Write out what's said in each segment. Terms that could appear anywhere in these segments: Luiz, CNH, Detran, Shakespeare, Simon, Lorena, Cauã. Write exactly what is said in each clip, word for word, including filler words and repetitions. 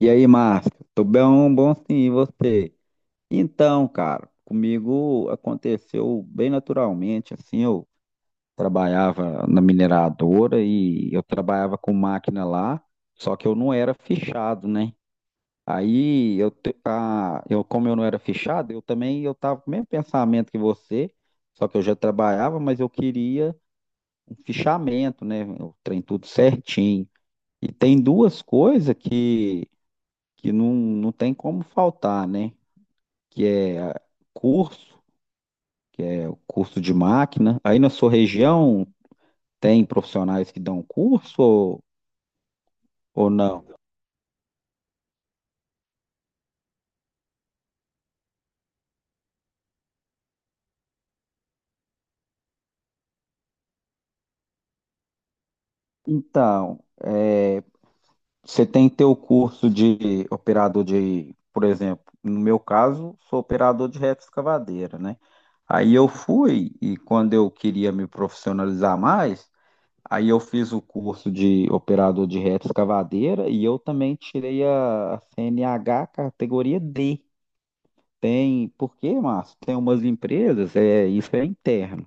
E aí, Márcio? Tô bem, bom sim, e você? Então, cara, comigo aconteceu bem naturalmente, assim, eu trabalhava na mineradora e eu trabalhava com máquina lá, só que eu não era fichado, né? Aí, eu, te- a, eu como eu não era fichado, eu também, eu tava com o mesmo pensamento que você, só que eu já trabalhava, mas eu queria um fichamento, né? O trem tudo certinho. E tem duas coisas que que não, não tem como faltar, né? Que é curso, que é o curso de máquina. Aí na sua região tem profissionais que dão curso ou, ou não? Então, é, você tem teu curso de operador de, por exemplo, no meu caso, sou operador de retroescavadeira, né? Aí eu fui e quando eu queria me profissionalizar mais, aí eu fiz o curso de operador de reta escavadeira e eu também tirei a a C N H categoria D. Tem, por quê, Márcio? Tem umas empresas, é, isso é interno,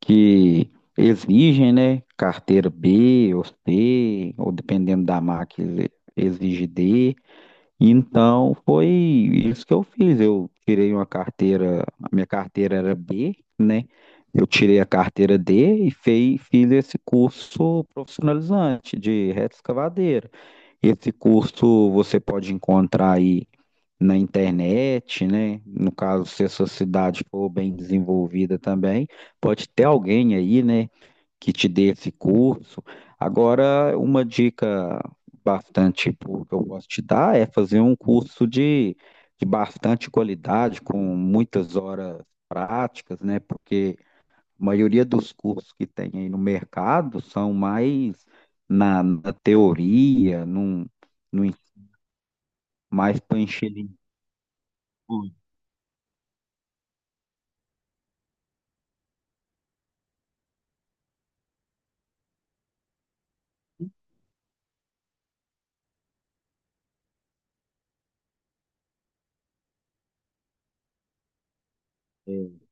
que exigem, né, carteira B ou C, ou dependendo da marca, exige D. Então foi isso que eu fiz. Eu tirei uma carteira, a minha carteira era B, né? Eu tirei a carteira D e fei- fiz esse curso profissionalizante de retroescavadeira. Esse curso você pode encontrar aí na internet, né? No caso, se a sua cidade for bem desenvolvida também, pode ter alguém aí, né, que te dê esse curso. Agora, uma dica bastante tipo, que eu posso te dar é fazer um curso de, de bastante qualidade, com muitas horas práticas, né? Porque a maioria dos cursos que tem aí no mercado são mais na, na teoria, num, num, mais para encher linguiça.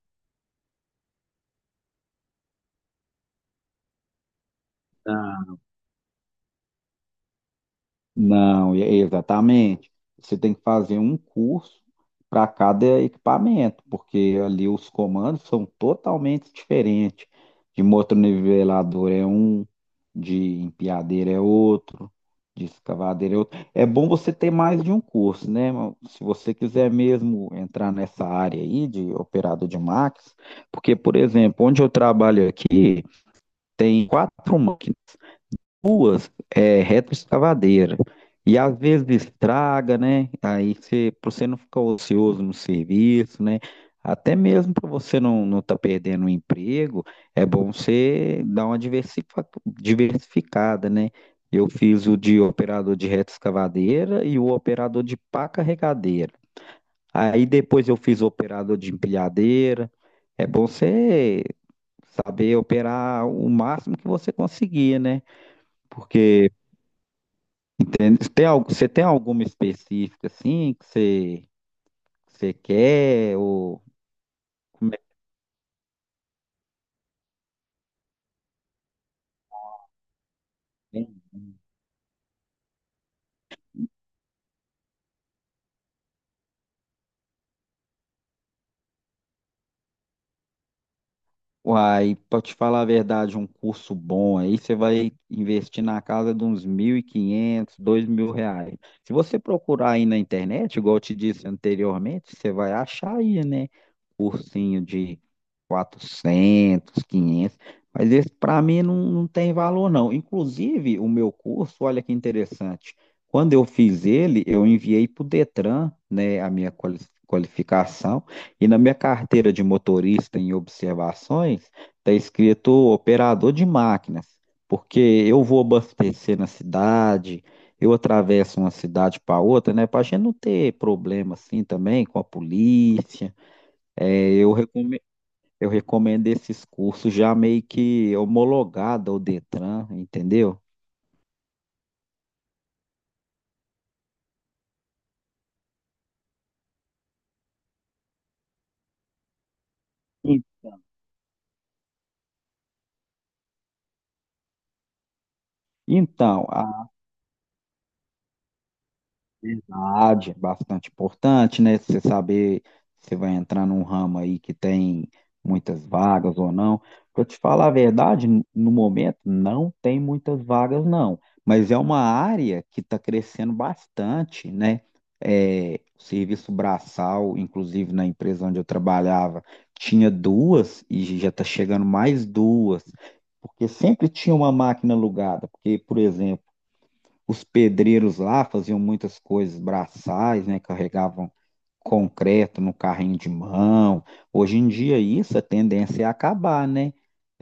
Não, e- exatamente. Você tem que fazer um curso para cada equipamento, porque ali os comandos são totalmente diferentes. De motornivelador é um, de empilhadeira é outro, de escavadeira é outro. É bom você ter mais de um curso, né, irmão? Se você quiser mesmo entrar nessa área aí de operador de máquinas, porque, por exemplo, onde eu trabalho aqui, tem quatro máquinas ruas é retroescavadeira. E às vezes estraga, né? Aí você, para você não ficar ocioso no serviço, né? Até mesmo para você não não tá perdendo o emprego, é bom você dar uma diversifa- diversificada, né? Eu fiz o de operador de retroescavadeira e o operador de pá carregadeira. Aí depois eu fiz o operador de empilhadeira. É bom você saber operar o máximo que você conseguir, né? Porque, entende? Tem algo, você tem alguma específica assim que você, que você quer? Ou como é que é? Uai, pra te falar a verdade, um curso bom aí, você vai investir na casa de uns mil e quinhentos, dois mil reais. Se você procurar aí na internet, igual eu te disse anteriormente, você vai achar aí, né? Cursinho de quatrocentos, quinhentos. Mas esse para mim não, não tem valor não. Inclusive, o meu curso, olha que interessante, quando eu fiz ele, eu enviei para o Detran, né, a minha quali- qualificação, e na minha carteira de motorista em observações, está escrito operador de máquinas, porque eu vou abastecer na cidade, eu atravesso uma cidade para outra, né? Para a gente não ter problema assim também com a polícia. É, eu recome- eu recomendo esses cursos já meio que homologado ao Detran, entendeu? En- Então, verdade, bastante importante, né? Você saber se vai entrar num ramo aí que tem muitas vagas ou não. Para te falar a verdade, n- no momento não tem muitas vagas, não. Mas é uma área que está crescendo bastante, né? É, o serviço braçal, inclusive na empresa onde eu trabalhava, tinha duas e já está chegando mais duas, porque sempre tinha uma máquina alugada. Porque, por exemplo, os pedreiros lá faziam muitas coisas braçais, né? Carregavam concreto no carrinho de mão. Hoje em dia isso a tendência é acabar, né?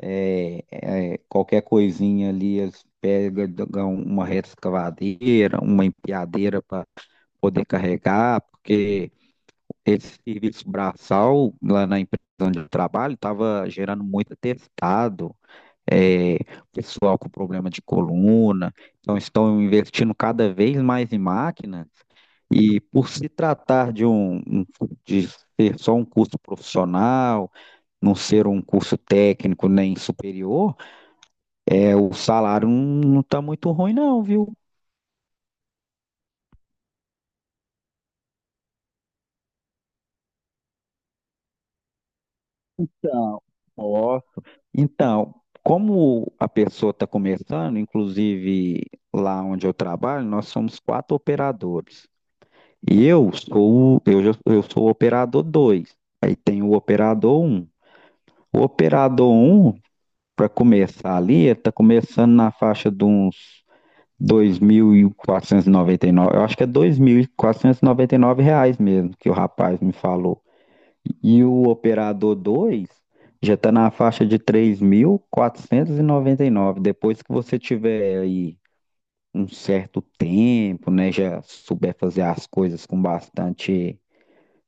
É, é, qualquer coisinha ali eles pegam uma reta uma empilhadeira para poder carregar, porque esse serviço braçal lá na empresa onde eu trabalho estava gerando muito atestado, é, pessoal com problema de coluna, então estão investindo cada vez mais em máquinas, e por se tratar de um, um- de ser só um curso profissional, não ser um curso técnico nem superior, é, o salário não está muito ruim, não, viu? Então, ó, Então, como a pessoa está começando, inclusive lá onde eu trabalho, nós somos quatro operadores. E eu sou, o- eu, já- eu sou o operador dois. Aí tem o operador um. O operador um para começar ali, ele está começando na faixa de uns dois mil e e quatrocentos noventa e nove. Eu acho que é dois mil e e quatrocentos noventa e nove reais mesmo que o rapaz me falou. E o operador dois já está na faixa de três mil quatrocentos e e noventa e nove. Depois que você tiver aí um certo tempo, né, já souber fazer as coisas com bastante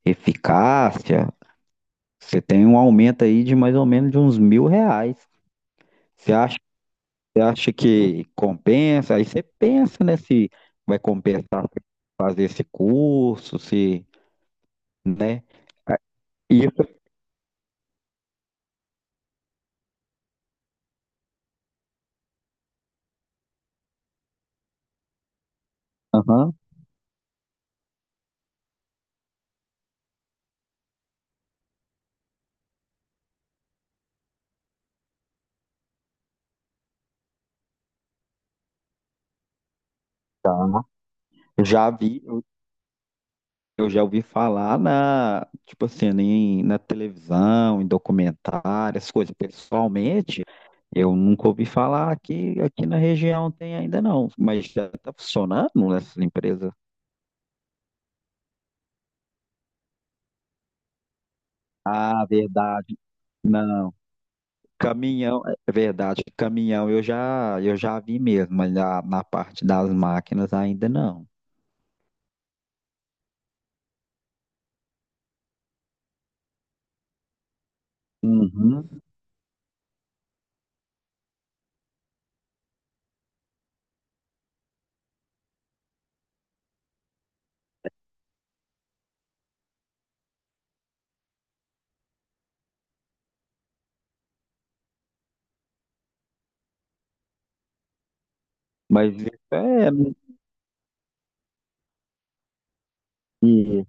eficácia, você tem um aumento aí de mais ou menos de uns mil reais. Você acha, você acha que compensa? Aí você pensa, né, se vai compensar fazer esse curso, se, né? Isso, aham, tá. Eu já vi, eu eu já ouvi falar na, tipo assim, em, na televisão, em documentário, essas coisas. Pessoalmente, eu nunca ouvi falar que aqui na região tem ainda não, mas já está funcionando nessas empresas. Ah, verdade. Não, caminhão, é verdade, caminhão eu já, eu já vi mesmo, mas na, na, parte das máquinas ainda não. Uhum. Mas é, e-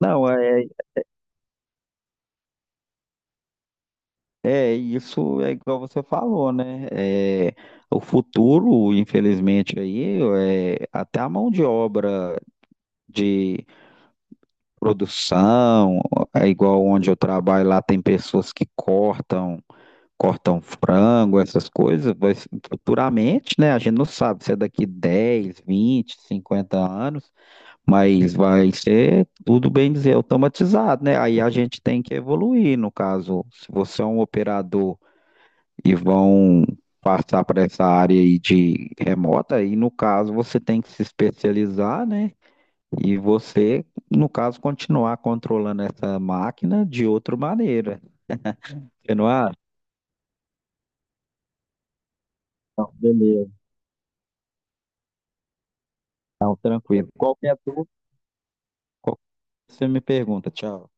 não, é, é isso, é igual você falou, né? É, o futuro, infelizmente, aí, é, até a mão de obra de produção, é igual onde eu trabalho lá, tem pessoas que cortam. Cortar um frango, essas coisas, vai, ser- futuramente, né? A gente não sabe se é daqui dez vinte cinquenta anos, mas vai ser tudo bem dizer automatizado, né? Aí a gente tem que evoluir, no caso, se você é um operador e vão passar para essa área aí de remota, aí no caso você tem que se especializar, né? E você, no caso, continuar controlando essa máquina de outra maneira. Você não acha? Não, beleza. Então, tranquilo. Qualquer Qual- que você me pergunta, tchau.